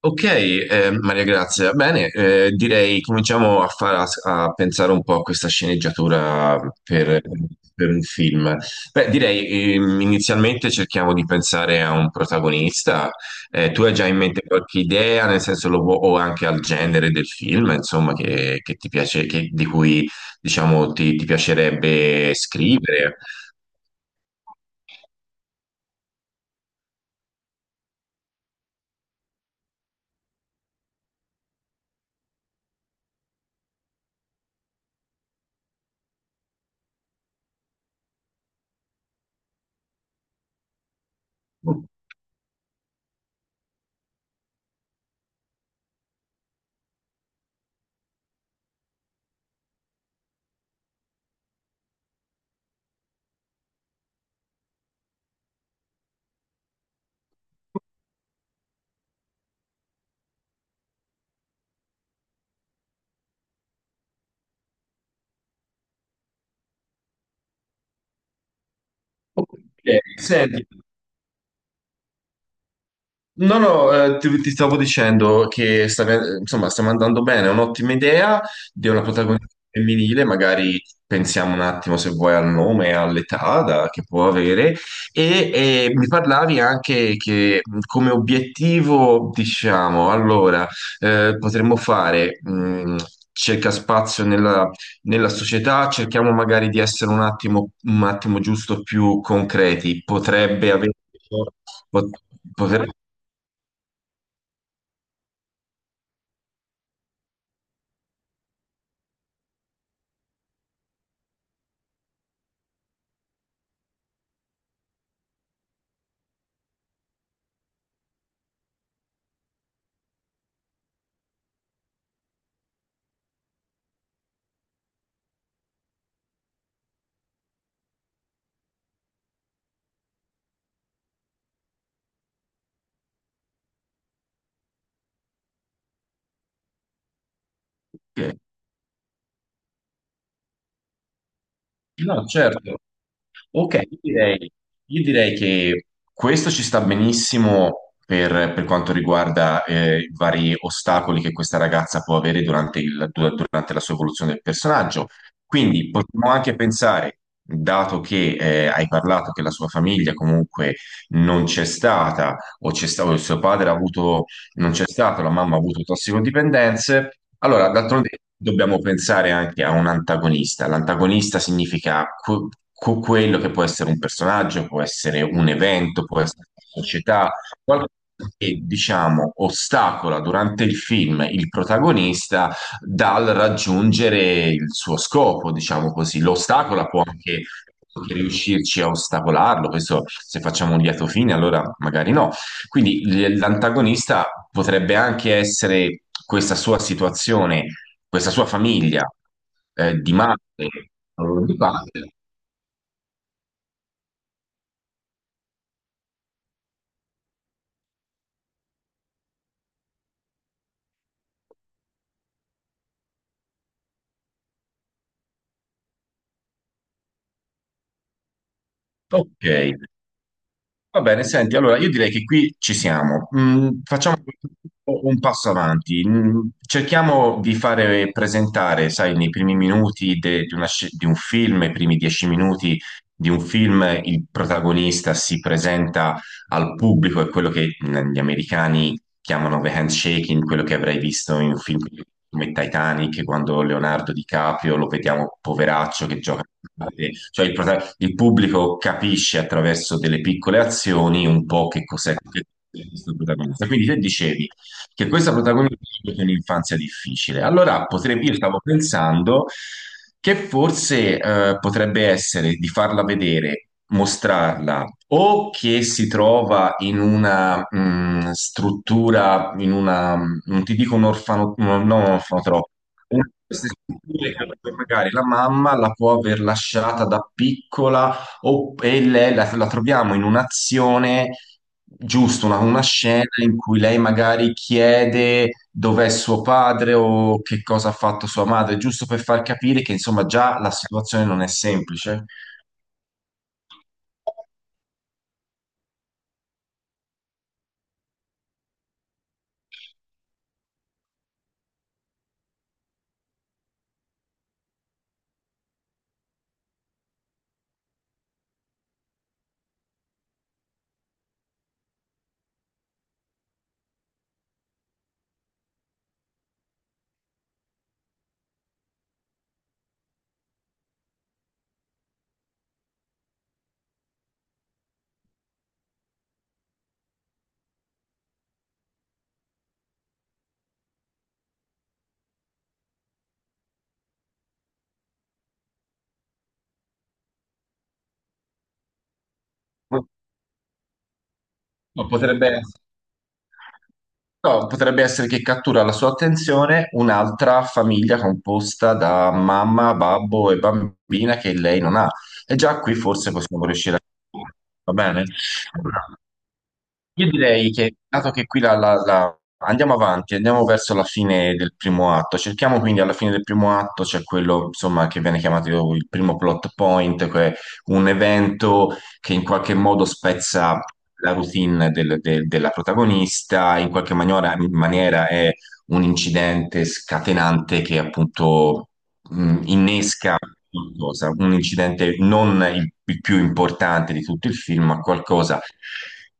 Ok, Maria Grazia, bene, direi cominciamo a pensare un po' a questa sceneggiatura per, per un film. Beh, direi inizialmente cerchiamo di pensare a un protagonista. Tu hai già in mente qualche idea, nel senso o anche al genere del film, insomma, che ti piace, di cui diciamo ti piacerebbe scrivere? Ok, senti. No, no, ti stavo dicendo che insomma, stiamo andando bene, è un'ottima idea di una protagonista femminile, magari pensiamo un attimo se vuoi al nome, all'età che può avere, e mi parlavi anche che come obiettivo, diciamo, allora, potremmo fare... cerca spazio nella, nella società, cerchiamo magari di essere un attimo giusto più concreti. Potrebbe avere, pot- poter. Ok. No, certo. Ok, io direi che questo ci sta benissimo per quanto riguarda i vari ostacoli che questa ragazza può avere durante, durante la sua evoluzione del personaggio. Quindi potremmo anche pensare, dato che hai parlato che la sua famiglia comunque non c'è stata, o c'è stato, il suo padre ha avuto non c'è stato, la mamma ha avuto tossicodipendenze. Allora, d'altronde dobbiamo pensare anche a un antagonista. L'antagonista significa quello che può essere un personaggio, può essere un evento, può essere una società, qualcosa che diciamo ostacola durante il film il protagonista dal raggiungere il suo scopo, diciamo così. L'ostacola può anche riuscirci a ostacolarlo, questo se facciamo un lieto fine, allora magari no, quindi l'antagonista potrebbe anche essere questa sua situazione, questa sua famiglia di madre o di padre. Ok, va bene, senti, allora io direi che qui ci siamo. Mm, facciamo un passo avanti. Mm, cerchiamo di fare presentare, sai, nei primi minuti di, una di un film, i primi 10 minuti di un film, il protagonista si presenta al pubblico, è quello che gli americani chiamano The Handshaking, quello che avrai visto in un film come Titanic, quando Leonardo DiCaprio lo vediamo poveraccio che gioca. Cioè il, il pubblico capisce attraverso delle piccole azioni un po' che cos'è questo protagonista. Quindi te dicevi che questa protagonista ha avuto un'infanzia difficile. Allora potrebbe, io stavo pensando che forse potrebbe essere di farla vedere, mostrarla o che si trova in una struttura, in una, non ti dico un orfano, no, non un orfanotrofio, una di queste strutture che magari la mamma la può aver lasciata da piccola o, e lei la, la troviamo in un'azione, giusto, una scena in cui lei magari chiede dov'è suo padre o che cosa ha fatto sua madre, giusto per far capire che insomma già la situazione non è semplice. Ma potrebbe essere. No, potrebbe essere che cattura la sua attenzione un'altra famiglia composta da mamma, babbo e bambina che lei non ha. E già qui forse possiamo riuscire a... Va bene? Allora, io direi che, dato che qui andiamo avanti, andiamo verso la fine del primo atto, cerchiamo quindi alla fine del primo atto, c'è quello insomma che viene chiamato il primo plot point, che è un evento che in qualche modo spezza la routine della protagonista, in qualche maniera, maniera è un incidente scatenante che appunto innesca qualcosa, un incidente non il, il più importante di tutto il film, ma qualcosa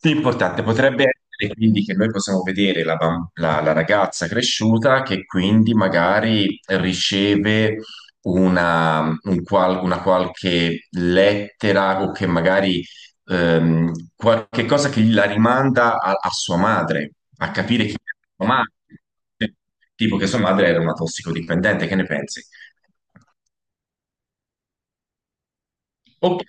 di importante. Potrebbe essere quindi che noi possiamo vedere la, la ragazza cresciuta che quindi magari riceve una, una qualche lettera o che magari qualche cosa che la rimanda a, a sua madre, a capire chi è sua madre. Tipo che sua madre era una tossicodipendente, che ne pensi? Ok,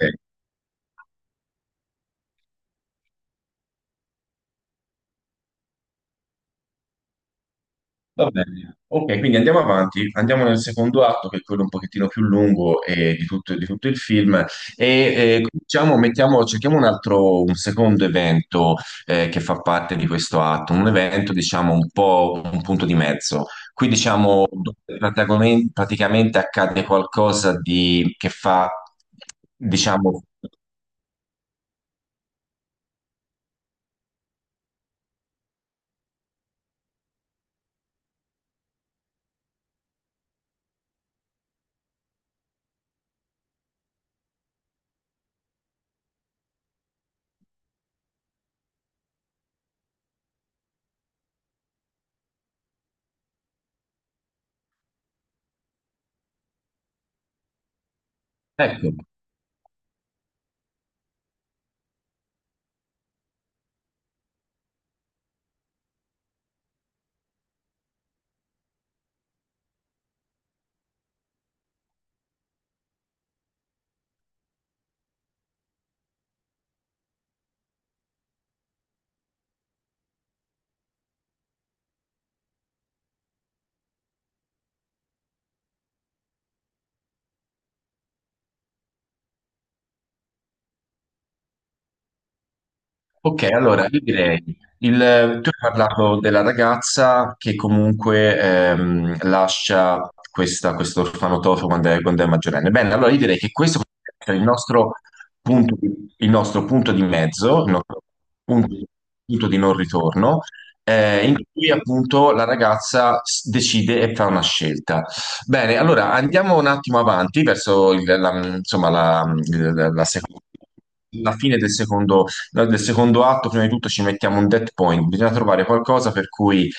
va bene. Ok, quindi andiamo avanti, andiamo nel secondo atto, che è quello un pochettino più lungo di tutto il film, e cerchiamo un altro, un secondo evento che fa parte di questo atto, un evento diciamo un po' un punto di mezzo. Qui diciamo dove praticamente accade qualcosa di, che fa, diciamo, ecco. Ok, allora io direi, tu hai parlato della ragazza che comunque lascia questo orfanotrofio quando è maggiorenne. Bene, allora io direi che questo potrebbe essere il nostro punto, il nostro punto di mezzo, il nostro punto, punto di non ritorno, in cui appunto la ragazza decide e fa una scelta. Bene, allora andiamo un attimo avanti verso la, insomma, la, la la seconda- la fine del secondo, nel secondo atto, prima di tutto, ci mettiamo un dead point. Bisogna trovare qualcosa per cui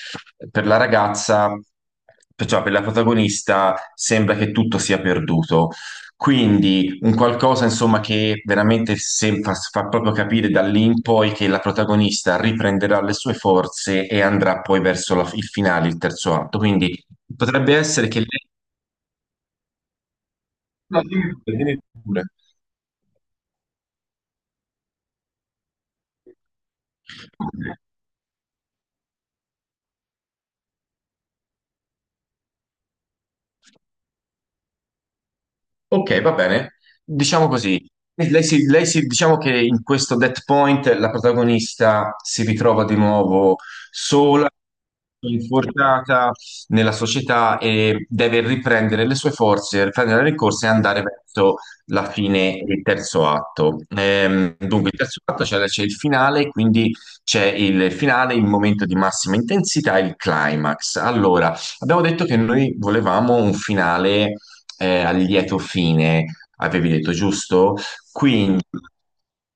per la ragazza, cioè per la protagonista, sembra che tutto sia perduto. Quindi un qualcosa, insomma, che veramente fa, fa proprio capire da lì in poi che la protagonista riprenderà le sue forze e andrà poi verso il finale, il terzo atto. Quindi potrebbe essere che lei... No, dimmi pure, dimmi pure. Ok, va bene. Diciamo così. Lei diciamo che in questo dead point la protagonista si ritrova di nuovo sola, infortunata nella società e deve riprendere le sue forze, riprendere le ricorse e andare verso la fine del terzo atto. Dunque, il terzo atto c'è il finale, quindi c'è il finale, il momento di massima intensità, il climax. Allora, abbiamo detto che noi volevamo un finale a lieto fine, avevi detto, giusto? Quindi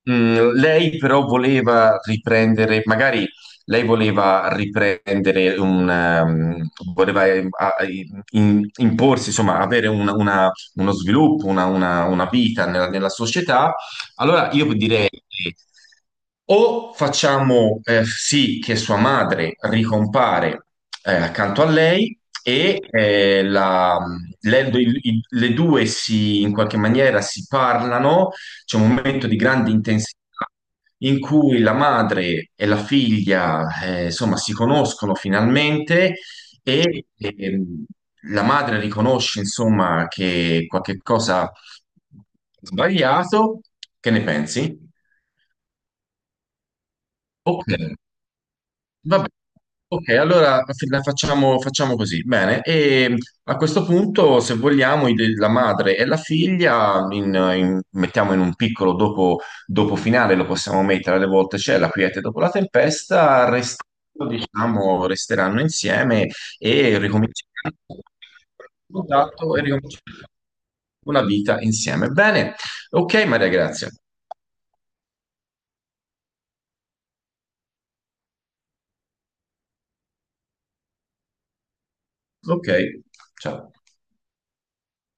mm, lei però voleva riprendere, magari lei voleva riprendere un, voleva imporsi, insomma, avere uno sviluppo, una, una vita nella, nella società, allora io direi che o facciamo sì che sua madre ricompare accanto a lei e le, le due si, in qualche maniera si parlano, c'è un momento di grande intensità in cui la madre e la figlia insomma si conoscono finalmente e la madre riconosce, insomma, che qualche cosa è sbagliato. Che ne pensi? Ok, va bene. Ok, allora la facciamo, facciamo così. Bene, e a questo punto, se vogliamo, la madre e la figlia mettiamo in un piccolo dopo, dopo finale, lo possiamo mettere, alle volte c'è la quiete dopo la tempesta, diciamo, resteranno insieme e ricominceranno il contatto e ricominceranno una vita insieme. Bene, ok Maria, grazie. Ok, ciao.